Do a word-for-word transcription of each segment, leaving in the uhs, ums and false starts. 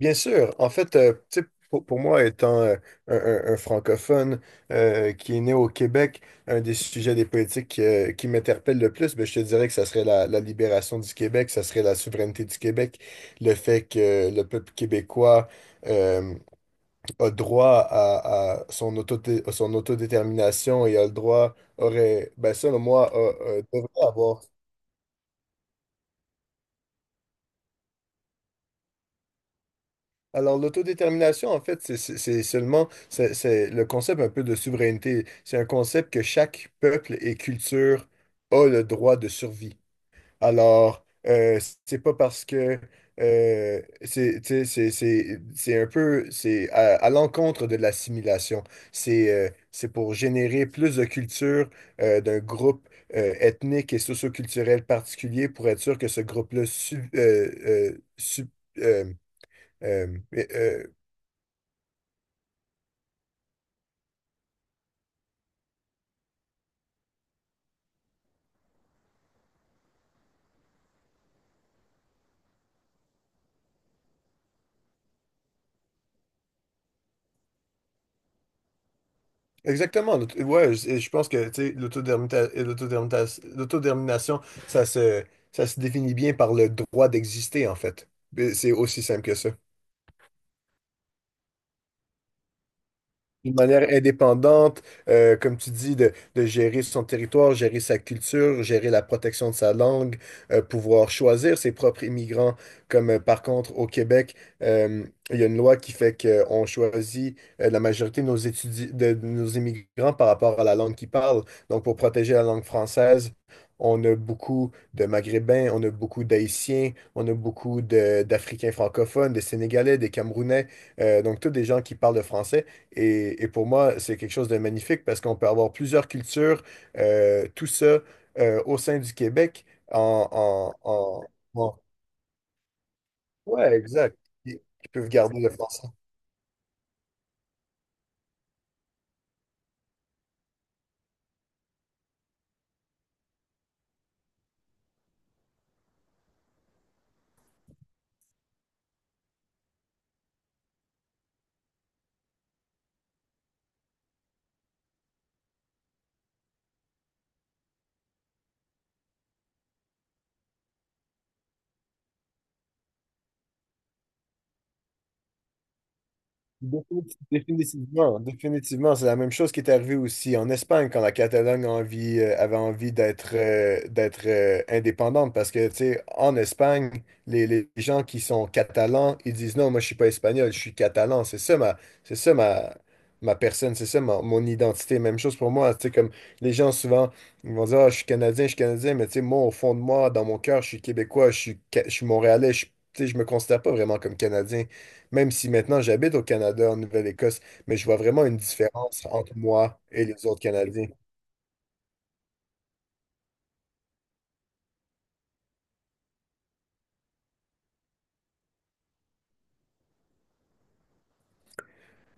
Bien sûr. En fait, euh, tu sais, pour, pour moi, étant euh, un, un- un francophone euh, qui est né au Québec, un des sujets des politiques euh, qui m'interpelle le plus, ben, je te dirais que ça serait la, la libération du Québec, ça serait la souveraineté du Québec, le fait que le peuple québécois euh, a droit à, à son auto son autodétermination et a le droit, aurait, ben, selon moi, a- a- devrait avoir. Alors, l'autodétermination, en fait, c'est c'est- c'est seulement, c'est c'est le concept un peu de souveraineté. C'est un concept que chaque peuple et culture a le droit de survie. Alors, euh, c'est pas parce que euh, c'est, tu sais, c'est c'est- c'est un peu, c'est à, à l'encontre de l'assimilation. C'est euh, c'est pour générer plus de culture euh, d'un groupe euh, ethnique et socioculturel particulier pour être sûr que ce groupe-là sub- euh, euh, sub- euh, euh, exactement. l'aut- Ouais, je, et je pense que, tu sais, l'autodermita- et l'autodétermination, ça se, ça se définit bien par le droit d'exister, en fait. Et c'est aussi simple que ça. D'une manière indépendante, euh, comme tu dis, de, de gérer son territoire, gérer sa culture, gérer la protection de sa langue, euh, pouvoir choisir ses propres immigrants. Comme euh, par contre au Québec, euh, il y a une loi qui fait qu'on choisit euh, la majorité de nos étudi- de, de nos immigrants par rapport à la langue qu'ils parlent. Donc pour protéger la langue française, on a beaucoup de Maghrébins, on a beaucoup d'Haïtiens, on a beaucoup de- d'Africains francophones, des Sénégalais, des Camerounais, euh, donc tous des gens qui parlent le français. Et, et pour moi, c'est quelque chose de magnifique parce qu'on peut avoir plusieurs cultures, euh, tout ça euh, au sein du Québec en, en, en- en- ouais, exact. Ils ils peuvent garder le français. Définitive- Définitivement, définitivement, c'est la même chose qui est arrivée aussi en Espagne quand la Catalogne a envie- euh, avait envie d'être euh, d'être euh, indépendante parce que, tu sais, en Espagne, les, les gens qui sont catalans, ils disent non, moi je suis pas espagnol, je suis catalan, c'est ça ma, c'est ça ma, ma personne, c'est ça ma- mon identité. Même chose pour moi, tu sais, comme les gens souvent, ils vont dire: ah, je suis canadien, je suis canadien, mais tu sais, moi au fond de moi, dans mon cœur, je suis québécois, je suis, ca- je suis montréalais, je, suis- tu sais, je me considère pas vraiment comme canadien. Même si maintenant j'habite au Canada, en Nouvelle-Écosse, mais je vois vraiment une différence entre moi et les autres Canadiens.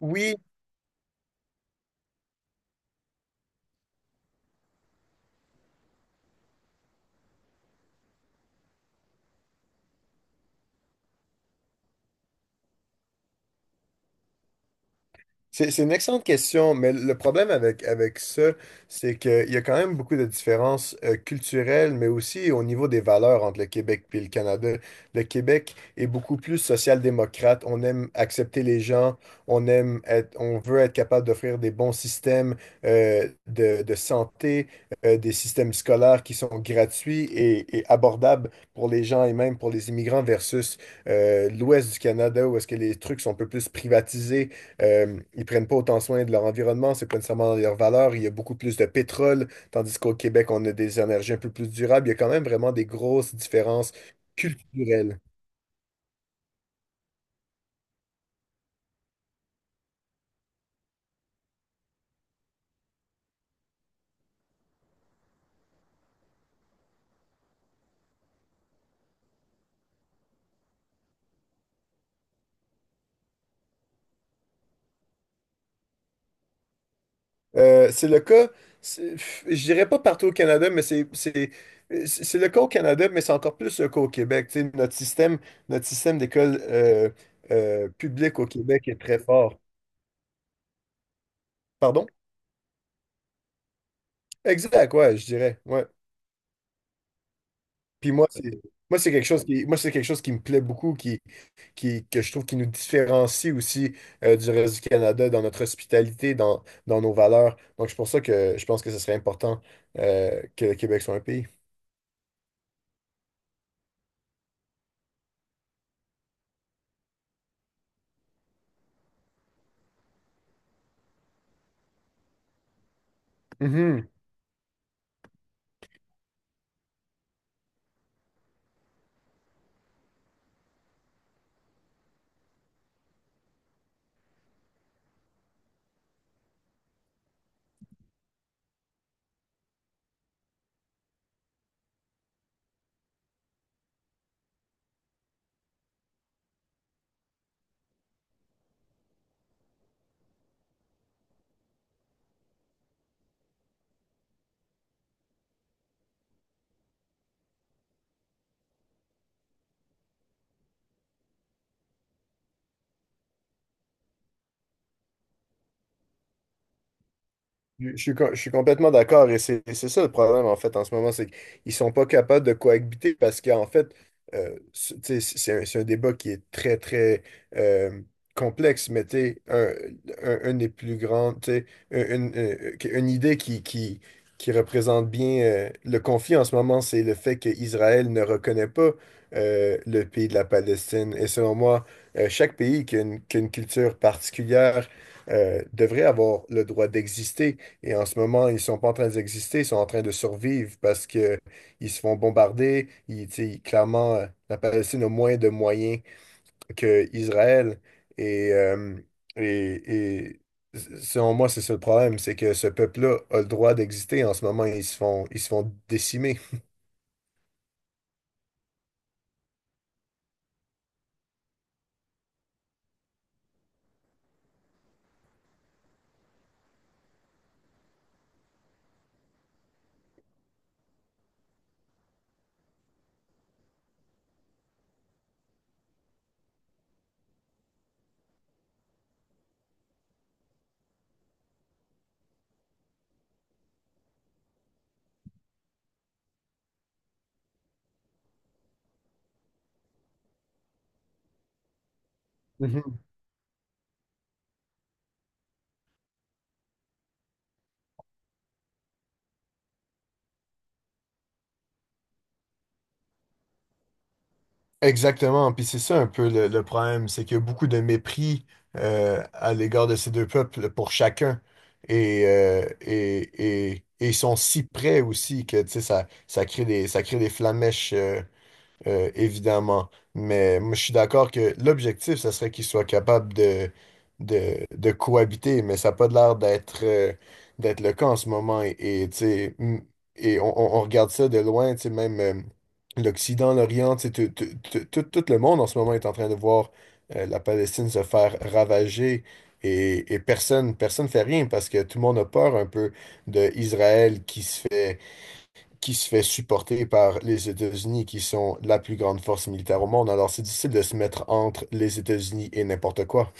Oui, C'est c'est une excellente question, mais le problème avec, avec ça, c'est qu'il y a quand même beaucoup de différences euh, culturelles, mais aussi au niveau des valeurs entre le Québec et le Canada. Le Québec est beaucoup plus social-démocrate. On aime accepter les gens, on aime être, on veut être capable d'offrir des bons systèmes euh, de, de santé, euh, des systèmes scolaires qui sont gratuits et, et abordables pour les gens et même pour les immigrants versus euh, l'ouest du Canada où est-ce que les trucs sont un peu plus privatisés, euh, ils prennent pas autant soin de leur environnement, c'est pas nécessairement dans leurs valeurs. Il y a beaucoup plus de pétrole, tandis qu'au Québec, on a des énergies un peu plus durables. Il y a quand même vraiment des grosses différences culturelles. Euh, c'est le cas, c'est- pff, je dirais pas partout au Canada, mais c'est c'est- euh, c'est- c'est le cas au Canada, mais c'est encore plus le cas au Québec. Tu sais, notre système, notre système d'école euh, euh, publique au Québec est très fort. Pardon? Exact, ouais, je dirais. Ouais. Puis moi, c'est, moi c'est quelque chose qui, moi c'est quelque chose qui me plaît beaucoup, qui, qui que je trouve qui nous différencie aussi euh, du reste du Canada dans notre hospitalité, dans, dans nos valeurs. Donc c'est pour ça que je pense que ce serait important euh, que le Québec soit un pays. Mhm. Je je suis, co- je suis complètement d'accord et c'est c'est ça le problème en fait en ce moment, c'est qu'ils sont pas capables de cohabiter parce qu'en fait, euh, c'est, tu sais, c'est c'est un, c'est un débat qui est très très euh, complexe, mais tu sais, un, un- un des plus grands, tu sais, une, une- une idée qui, qui, qui représente bien euh, le conflit en ce moment, c'est le fait qu'Israël ne reconnaît pas euh, le pays de la Palestine. Et selon moi, euh, chaque pays qui a une, qui a une culture particulière euh, devrait avoir le droit d'exister, et en ce moment, ils sont pas en train d'exister, ils sont en train de survivre parce que ils se font bombarder. Ils, tu sais, clairement, euh, la Palestine a moins de moyens que Israël. Et, euh, et, et selon moi, c'est ça le problème, c'est que ce peuple-là a le droit d'exister. En ce moment, ils se font, ils se font décimer. Exactement, puis c'est ça un peu le, le problème, c'est qu'il y a beaucoup de mépris euh, à l'égard de ces deux peuples pour chacun. Et, euh, et, et, et ils sont si près aussi que, tu sais, ça, ça crée des, ça crée des flammèches euh, évidemment. Mais moi, je suis d'accord que l'objectif, ce serait qu'ils soient capables de, de, de cohabiter, mais ça n'a pas l'air d'être euh, d'être le cas en ce moment. Et, et, tu sais, mm, et on, on- on regarde ça de loin, tu sais, même euh, l'Occident, l'Orient, tu sais, tout, tout- tout- tout- tout le monde en ce moment est en train de voir euh, la Palestine se faire ravager. Et, et personne personne fait rien parce que tout le monde a peur un peu de Israël qui se fait qui se fait supporter par les États-Unis, qui sont la plus grande force militaire au monde. Alors, c'est difficile de se mettre entre les États-Unis et n'importe quoi.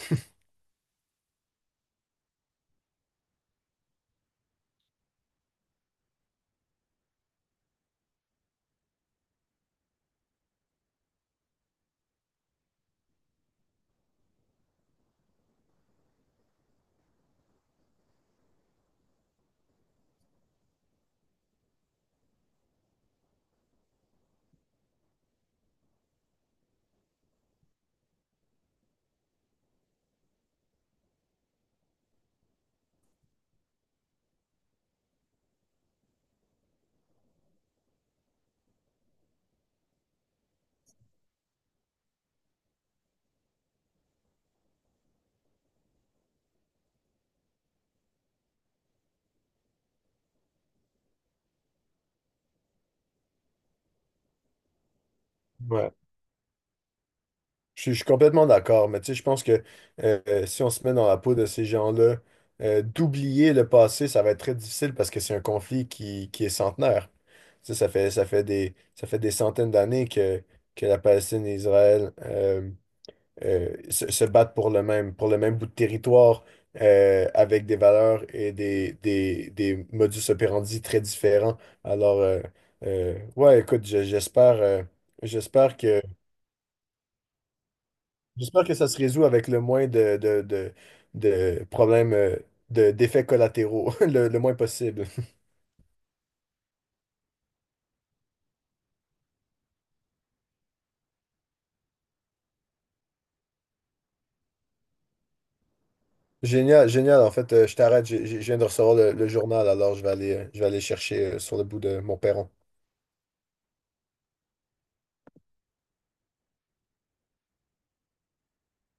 Ouais. Je, suis je suis complètement d'accord, mais tu sais, je pense que euh, euh, si on se met dans la peau de ces gens-là, euh, d'oublier le passé, ça va être très difficile parce que c'est un conflit qui, qui est centenaire. Tu sais, ça fait, ça fait des, ça fait des centaines d'années que, que la Palestine et Israël euh, euh, se, se battre pour le même, pour le même bout de territoire euh, avec des valeurs et des, des, des modus operandi très différents. Alors, euh, euh, ouais, écoute, je- j'espère, euh, j'espère que, j'espère que ça se résout avec le moins de, de, de, de problèmes, euh, de, d'effets collatéraux, le, le moins possible. Génial, génial. En fait, euh, je t'arrête, j'ai- j'ai- je viens de recevoir le, le journal, alors je vais aller, euh, je vais aller chercher euh, sur le bout de mon perron.